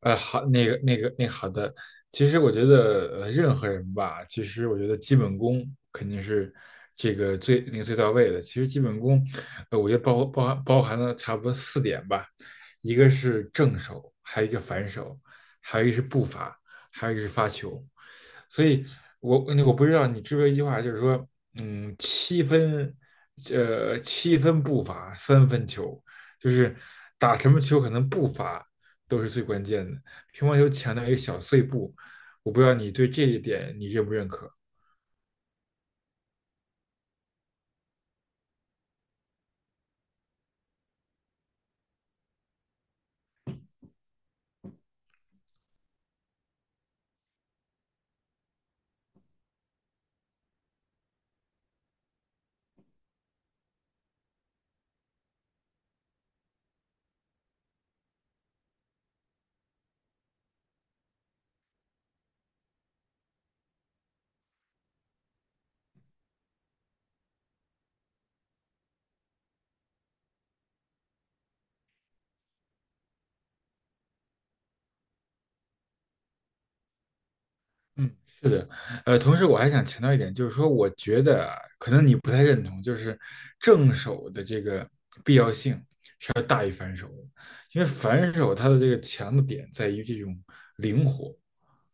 好，那个那个那好的，其实我觉得任何人吧，其实我觉得基本功肯定是这个最那个最到位的。其实基本功，我觉得包含了差不多四点吧，一个是正手，还有一个反手，还有一个是步伐，还有一个是发球。所以我不知道你知不知道一句话，就是说，嗯，七分，七分步伐，三分球，就是打什么球可能步伐。都是最关键的。乒乓球强调一个小碎步，我不知道你对这一点你认不认可？嗯同时我还想强调一点，就是说，我觉得啊可能你不太认同，就是正手的这个必要性。因为反手它的这个强的点在于这种灵活，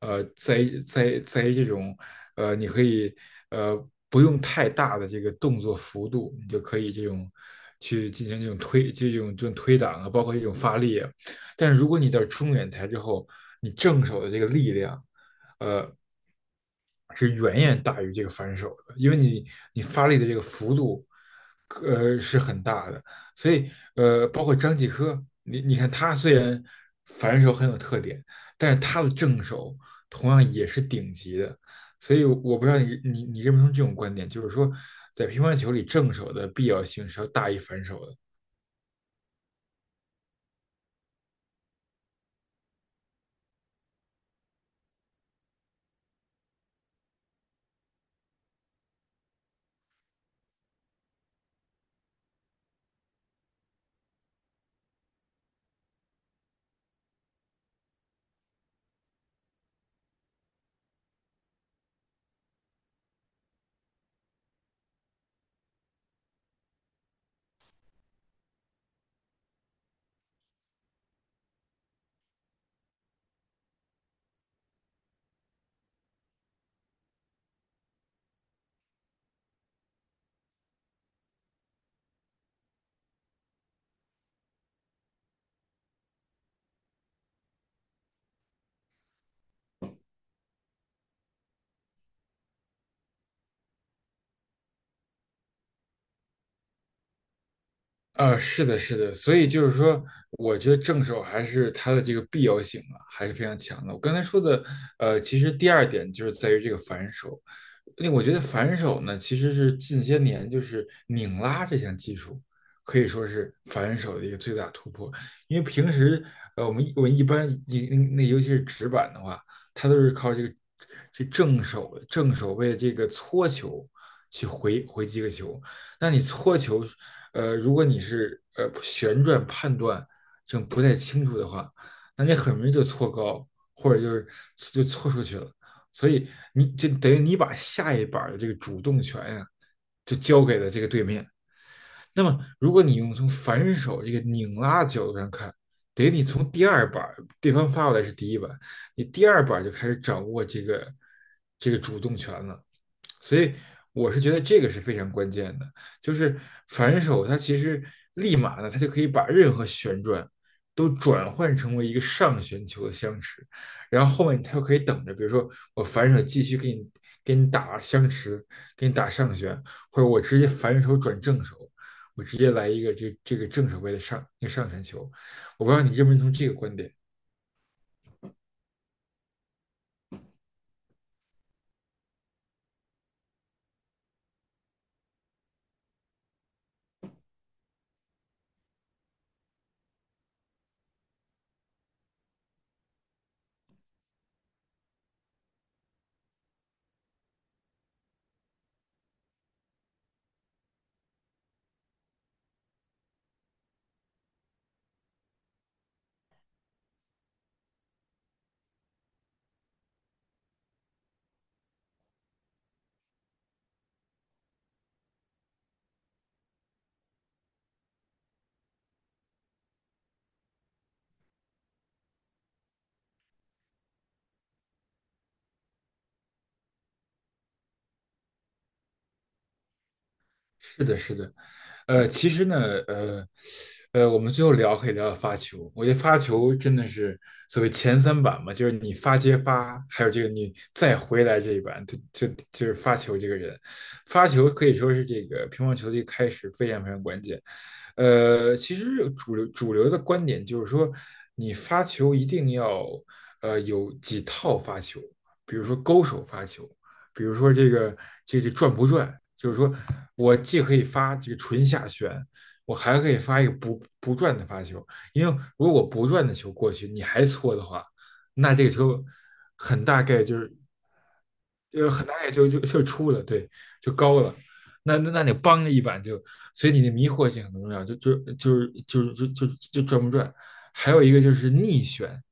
在于这种你可以呃不用太大的这个动作幅度，你就可以这种去进行这种推这种推挡啊，包括这种发力啊。但是如果你到中远台之后，你正手的这个力量，呃，是远远大于这个反手的，因为你你发力的这个幅度，是很大的，所以包括张继科，你你看他虽然反手很有特点，但是他的正手同样也是顶级的，所以我不知道你你你认不认同这种观点，就是说在乒乓球里正手的必要性是要大于反手的。是的，是的，所以就是说，我觉得正手还是它的这个必要性啊，还是非常强的。我刚才说的，其实第二点就是在于这个反手，那我觉得反手呢，其实是近些年就是拧拉这项技术，可以说是反手的一个最大突破。因为平时我们一般一嗯那尤其是直板的话，它都是靠这个这正手为这个搓球去回击个球。那你搓球，如果你是旋转判断这种不太清楚的话，那你很容易就搓高，或者就是就搓出去了。所以你就等于你把下一板的这个主动权呀、啊就交给了这个对面。那么，如果你用从反手这个拧拉角度上看，等于你从第二板对方发过来是第一板，你第二板就开始掌握这个主动权了。所以我是觉得这个是非常关键的，就是反手它其实立马呢，它就可以把任何旋转都转换成为一个上旋球的相持，然后后面他又可以等着，比如说我反手继续给你给你打相持，给你打上旋，或者我直接反手转正手。我直接来一个这个正手位的上一个上旋球，我不知道你认不认同这个观点。是的，是的，呃，其实呢，呃，呃，我们最后聊可以聊聊发球，我觉得发球真的是所谓前三板嘛，就是你发接发，还有这个你再回来这一板，就就就是发球这个人，发球可以说是这个乒乓球的一个开始，非常非常关键。其实主流的观点就是说，你发球一定要有几套发球，比如说勾手发球。比如说这个、这转不转，就是说我既可以发这个纯下旋，我还可以发一个不转的发球，因为如果我不转的球过去，你还搓的话，那这个球很大概就是就很大概就出了，对，就高了。那那那你帮着一板就，所以你的迷惑性很重要，就转不转。还有一个就是逆旋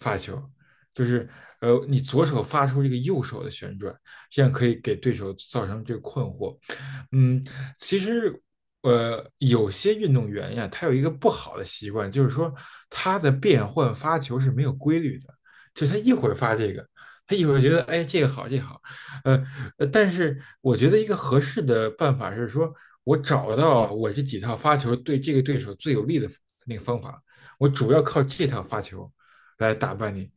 发球，就是你左手发出这个右手的旋转，这样可以给对手造成这个困惑。嗯，其实有些运动员呀，他有一个不好的习惯，就是说他的变换发球是没有规律的，就他一会儿发这个，他一会儿觉得哎这个好这个好，呃，但是我觉得一个合适的办法是说，我找到我这几套发球对这个对手最有利的那个方法，我主要靠这套发球来打败你。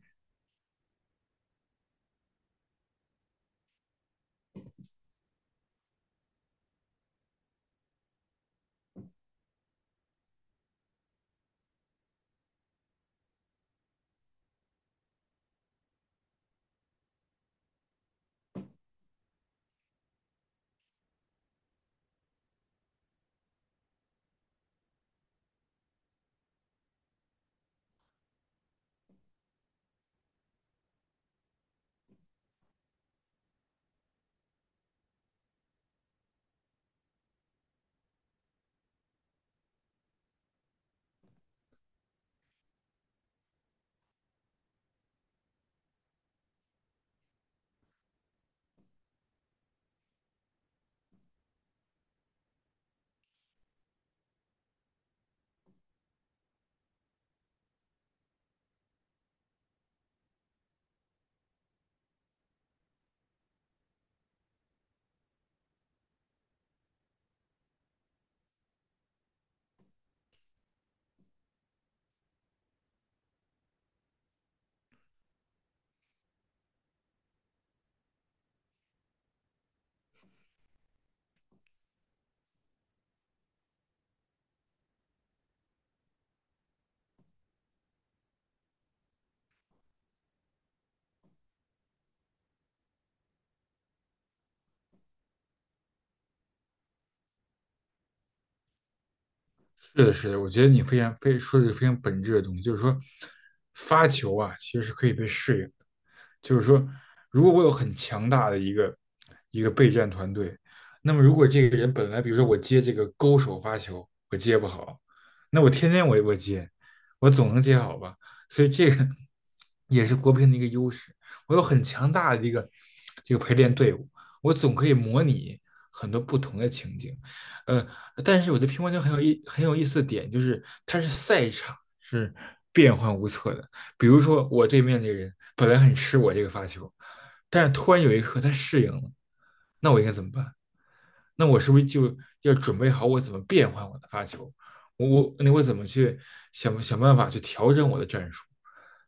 是的，是的，我觉得你非常非说的是非常本质的东西，就是说，发球啊，其实是可以被适应的。就是说，如果我有很强大的一个备战团队，那么如果这个人本来，比如说我接这个勾手发球，我接不好，那我天天我接，我总能接好吧？所以这个也是国乒的一个优势。我有很强大的一个这个陪练队伍，我总可以模拟很多不同的情景。呃，但是我觉得乒乓球很有意思的点就是它是赛场是变幻无测的。比如说我对面这个人本来很吃我这个发球，但是突然有一刻他适应了，那我应该怎么办？那我是不是就要准备好我怎么变换我的发球？我怎么去想办法去调整我的战术？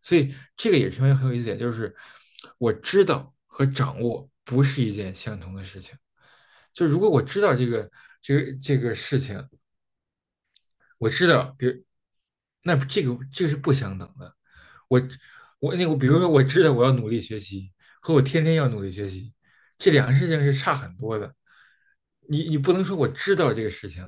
所以这个也是因为很有意思的点，就是我知道和掌握不是一件相同的事情。就如果我知道这个这个事情，我知道，比如那这个是不相等的。我我那个，比如说我知道我要努力学习，和我天天要努力学习，这两个事情是差很多的。你你不能说我知道这个事情，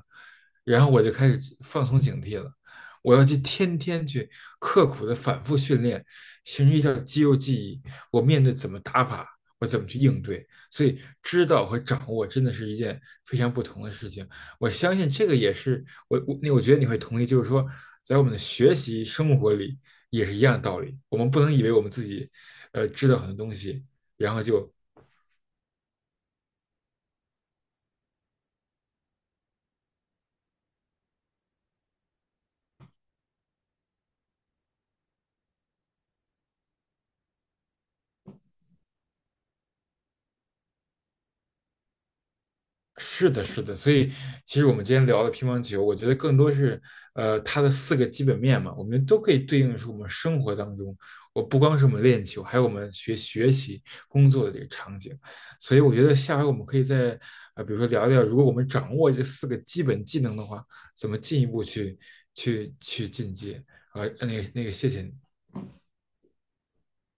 然后我就开始放松警惕了。我要去天天去刻苦的反复训练，形成一条肌肉记忆。我面对怎么打法，我怎么去应对。所以，知道和掌握真的是一件非常不同的事情。我相信这个也是我觉得你会同意，就是说，在我们的学习生活里也是一样的道理。我们不能以为我们自己知道很多东西，然后就是的，是的，所以其实我们今天聊的乒乓球，我觉得更多是它的四个基本面嘛，我们都可以对应是我们生活当中，我不光是我们练球，还有我们学习、工作的这个场景。所以我觉得下回我们可以再比如说聊聊，如果我们掌握这四个基本技能的话，怎么进一步去进阶啊、谢谢你。